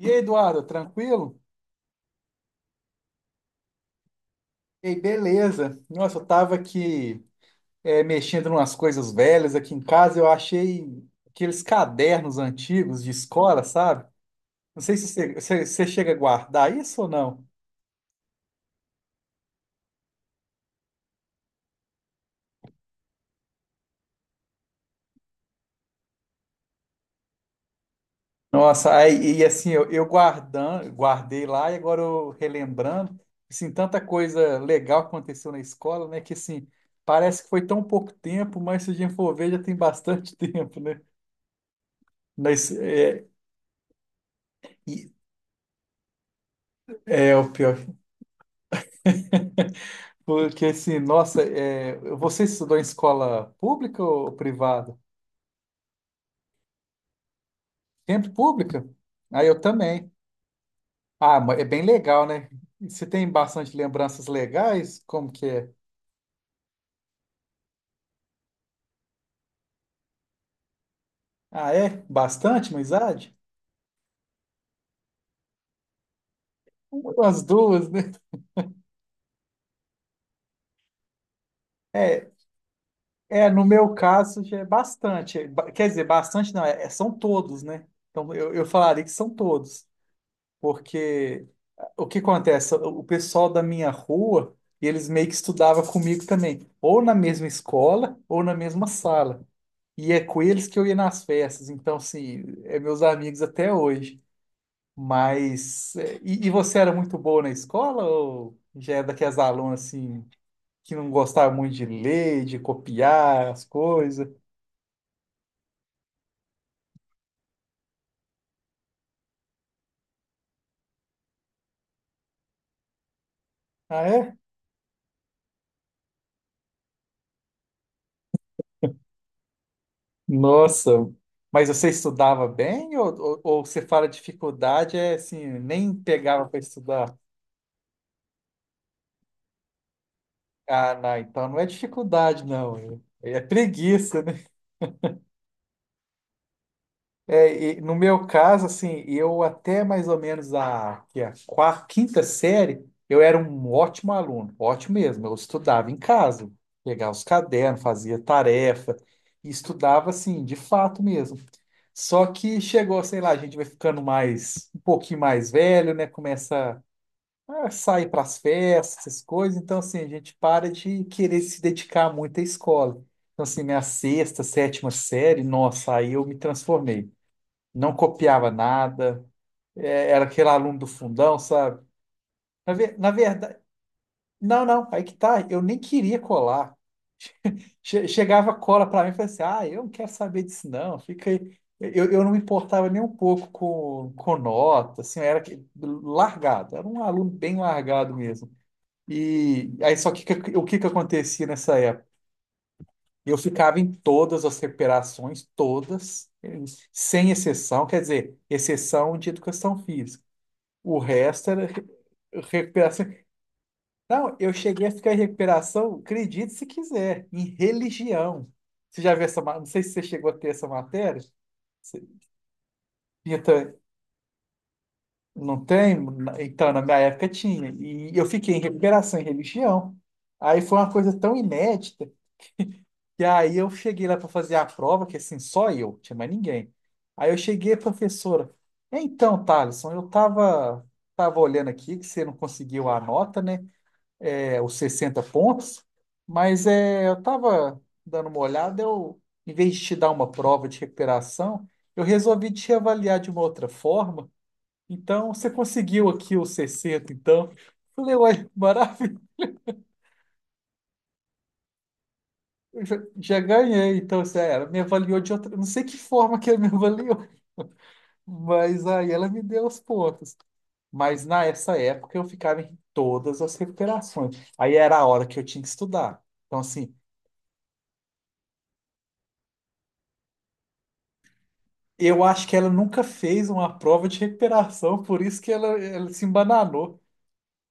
E aí, Eduardo, tranquilo? Ei, beleza. Nossa, eu tava aqui mexendo em umas coisas velhas aqui em casa, eu achei aqueles cadernos antigos de escola, sabe? Não sei se você chega a guardar isso ou não. Nossa, aí, e assim, eu guardando, guardei lá e agora eu relembrando, assim, tanta coisa legal que aconteceu na escola, né? Que assim, parece que foi tão pouco tempo, mas se a gente for ver, já tem bastante tempo, né? Mas, e- é o pior. Porque assim, nossa, você estudou em escola pública ou privada? Sempre pública? Ah, eu também. Ah, mas é bem legal, né? E você tem bastante lembranças legais? Como que é? Ah, é? Bastante, amizade? As duas, né? É, no meu caso já é bastante. Quer dizer, bastante não, são todos, né? Então eu falaria que são todos, porque o que acontece? O pessoal da minha rua, eles meio que estudava comigo também, ou na mesma escola, ou na mesma sala. E é com eles que eu ia nas festas, então, assim, é meus amigos até hoje. Mas, e você era muito boa na escola, ou já é daquelas alunas, assim, que não gostava muito de ler, de copiar as coisas? Ah, é? Nossa, mas você estudava bem, ou, você fala dificuldade, é assim, nem pegava para estudar? Ah, não, então não é dificuldade, não. É preguiça, né? E no meu caso, assim, eu até mais ou menos a, que é a quarta, quinta série, eu era um ótimo aluno, ótimo mesmo. Eu estudava em casa, pegava os cadernos, fazia tarefa, e estudava, assim, de fato mesmo. Só que chegou, sei lá, a gente vai ficando mais, um pouquinho mais velho, né? Começa sair para as festas, essas coisas. Então, assim, a gente para de querer se dedicar muito à escola. Então, assim, minha sexta, sétima série, nossa, aí eu me transformei. Não copiava nada, era aquele aluno do fundão, sabe? Na verdade, não, não, aí que tá, eu nem queria colar. Chegava cola para mim e falava assim: ah, eu não quero saber disso, não, fica aí. Eu não me importava nem um pouco com nota, assim, eu era largado, era um aluno bem largado mesmo. E aí só que o que que acontecia nessa época? Eu ficava em todas as recuperações, todas, sem exceção, quer dizer, exceção de educação física. O resto era recuperação. Não, eu cheguei a ficar em recuperação, acredite se quiser, em religião. Você já viu essa, não sei se você chegou a ter essa matéria. Você- Então, não tem? Então, na minha época tinha. E eu fiquei em recuperação em religião. Aí foi uma coisa tão inédita. E aí eu cheguei lá para fazer a prova, que assim, só eu, tinha mais ninguém. Aí eu cheguei, professora, então, Thaleson, eu tava olhando aqui que você não conseguiu a nota, né? É, os 60 pontos, mas eu tava dando uma olhada, em vez de te dar uma prova de recuperação, eu resolvi te avaliar de uma outra forma. Então, você conseguiu aqui os 60 então. Falei, uai, eu já ganhei, então, assim, ah, ela me avaliou de outra. Não sei que forma que ela me avaliou, mas aí ela me deu os pontos. Mas nessa época eu ficava em todas as recuperações. Aí era a hora que eu tinha que estudar. Então, assim, eu acho que ela nunca fez uma prova de recuperação, por isso que ela se embananou.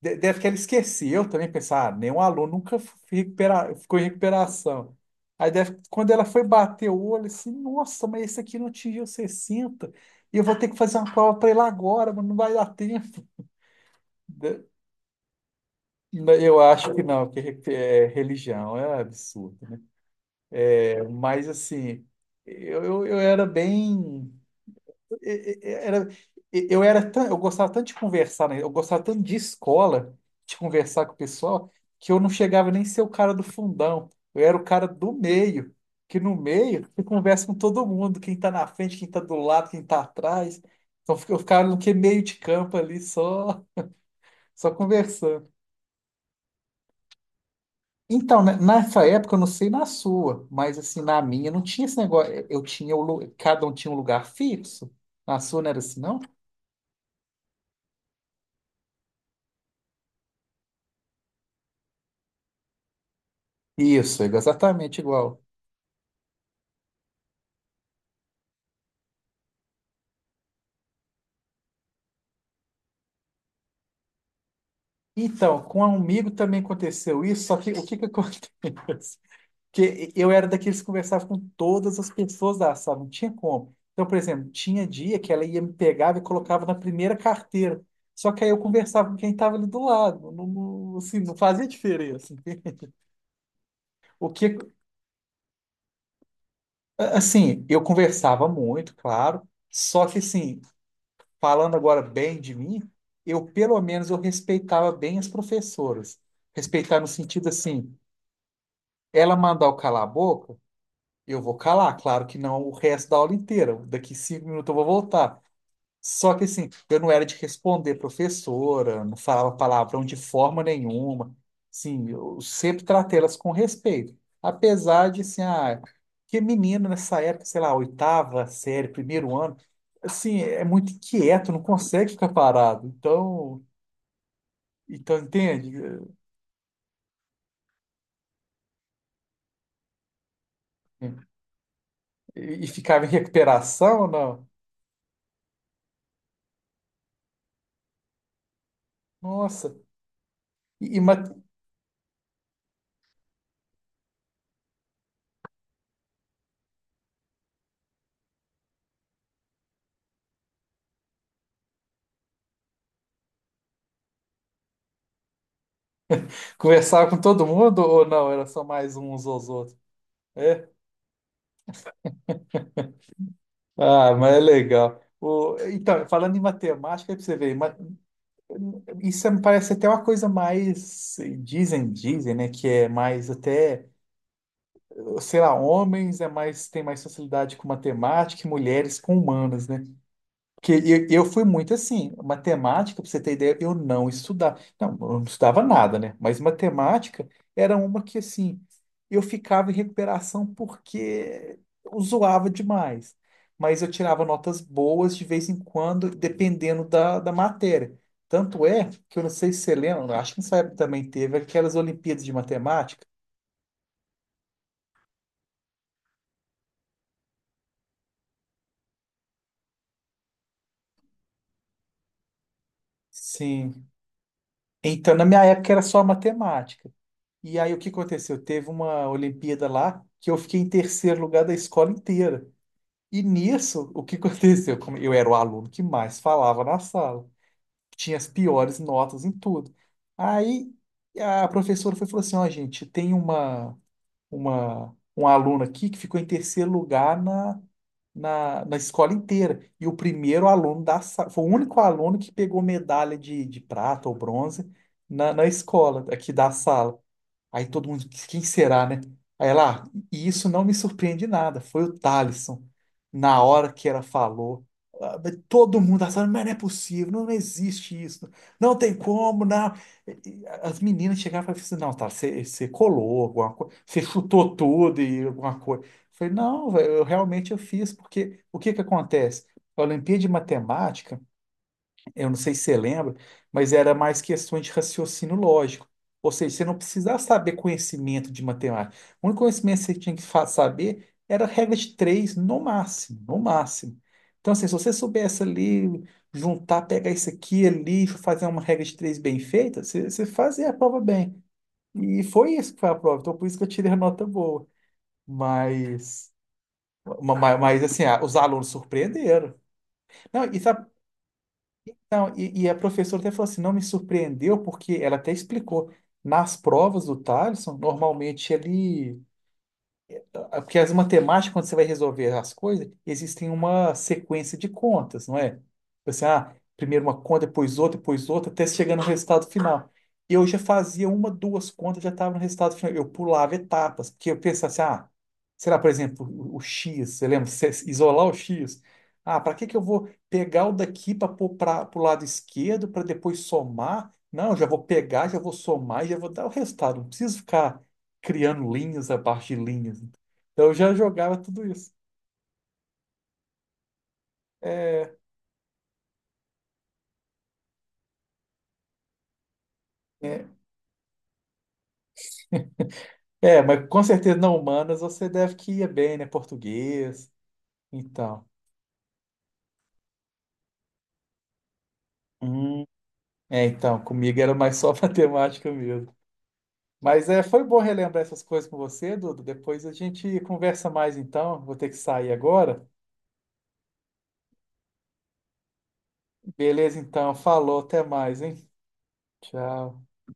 Deve que ela esqueceu também, pensar, ah, nenhum aluno nunca ficou em recuperação. Aí deve, que quando ela foi bater o olho, assim, nossa, mas esse aqui não atingiu 60 e eu vou ter que fazer uma prova para ele agora, mas não vai dar tempo. De- Eu acho que não, que religião é absurdo. Mas, assim, eu era bem. e- e- era, eu era tão, eu gostava tanto de conversar, né? Eu gostava tanto de escola, de conversar com o pessoal, que eu não chegava nem a ser o cara do fundão. Eu era o cara do meio, que no meio você conversa com todo mundo, quem tá na frente, quem tá do lado, quem tá atrás. Então eu ficava no que meio de campo ali, só, só conversando. Então, né, nessa época, eu não sei na sua, mas assim, na minha não tinha esse negócio. Eu tinha o, lu- Cada um tinha um lugar fixo. Na sua não era assim, não? Isso, exatamente igual. Então, com um amigo também aconteceu isso, só que o que que acontece? Que eu era daqueles que conversava com todas as pessoas da sala, não tinha como. Então, por exemplo, tinha dia que ela ia me pegava e colocava na primeira carteira. Só que aí eu conversava com quem estava ali do lado, não, assim, não fazia diferença. O que, assim, eu conversava muito, claro, só que assim, falando agora bem de mim, eu pelo menos eu respeitava bem as professoras. Respeitar no sentido assim, ela mandar eu calar a boca, eu vou calar. Claro que não o resto da aula inteira. Daqui 5 minutos eu vou voltar. Só que assim, eu não era de responder professora, não falava palavrão de forma nenhuma. Sim, eu sempre tratei elas com respeito. Apesar de, assim, ah, que menino nessa época, sei lá, oitava série, primeiro ano, assim, é muito inquieto, não consegue ficar parado. Então, entende? E ficava em recuperação, não? Nossa. E, e ma- Conversava com todo mundo ou não? Era só mais uns aos outros? É? Ah, mas é legal. O, então, falando em matemática, aí pra você ver, isso me parece até uma coisa mais, dizem, né, que é mais até, sei lá, homens é mais, tem mais facilidade com matemática e mulheres com humanas, né? Que eu fui muito assim, matemática, para você ter ideia, eu não estudava. Não, eu não estudava nada, né? Mas matemática era uma que, assim, eu ficava em recuperação porque eu zoava demais. Mas eu tirava notas boas de vez em quando, dependendo da matéria. Tanto é que eu não sei se você lembra, acho que nessa época também teve aquelas Olimpíadas de Matemática. Sim. Então, na minha época era só matemática. E aí o que aconteceu? Teve uma Olimpíada lá que eu fiquei em terceiro lugar da escola inteira. E nisso, o que aconteceu? Como eu era o aluno que mais falava na sala, tinha as piores notas em tudo. Aí a professora foi e falou assim: ó, gente, tem uma um aluno aqui que ficou em terceiro lugar na escola inteira. E o primeiro aluno da sala, foi o único aluno que pegou medalha de prata ou bronze na escola, aqui da sala. Aí todo mundo, quem será, né? Aí ela, "Ah, e isso não me surpreende nada, foi o Thalisson." Na hora que ela falou, ah, mas todo mundo da sala, mas não é possível, não, não existe isso, não tem como, não. As meninas chegavam e falavam assim, não, tá, você colou alguma coisa, você chutou tudo e alguma coisa. Eu falei, não, velho, eu realmente eu fiz, porque o que que acontece? A Olimpíada de Matemática, eu não sei se você lembra, mas era mais questões de raciocínio lógico. Ou seja, você não precisava saber conhecimento de matemática. O único conhecimento que você tinha que saber era a regra de três no máximo, no máximo. Então, assim, se você soubesse ali juntar, pegar isso aqui ali, fazer uma regra de três bem feita, você fazia a prova bem. E foi isso que foi a prova. Então, por isso que eu tirei a nota boa. Mas, mas assim, ah, os alunos surpreenderam. Não, e sabe. Não, e a professora até falou assim, não me surpreendeu, porque ela até explicou, nas provas do Thaleson, normalmente ele porque as matemáticas, quando você vai resolver as coisas, existem uma sequência de contas, não é? Você, primeiro uma conta, depois outra, até chegar no resultado final. Eu já fazia uma, duas contas, já estava no resultado final. Eu pulava etapas, porque eu pensava assim, ah, sei lá, por exemplo, o X, você lembra? Você isolar o X. Ah, para que que eu vou pegar o daqui para pôr para o lado esquerdo, para depois somar? Não, eu já vou pegar, já vou somar, e já vou dar o resultado. Não preciso ficar criando linhas abaixo de linhas. Então eu já jogava tudo isso. É, é, mas com certeza não humanas você deve que ia bem, né? Português, então. Hum, então, comigo era mais só matemática mesmo. Mas foi bom relembrar essas coisas com você, Dudu. Depois a gente conversa mais então. Vou ter que sair agora. Beleza, então. Falou, até mais, hein? Tchau.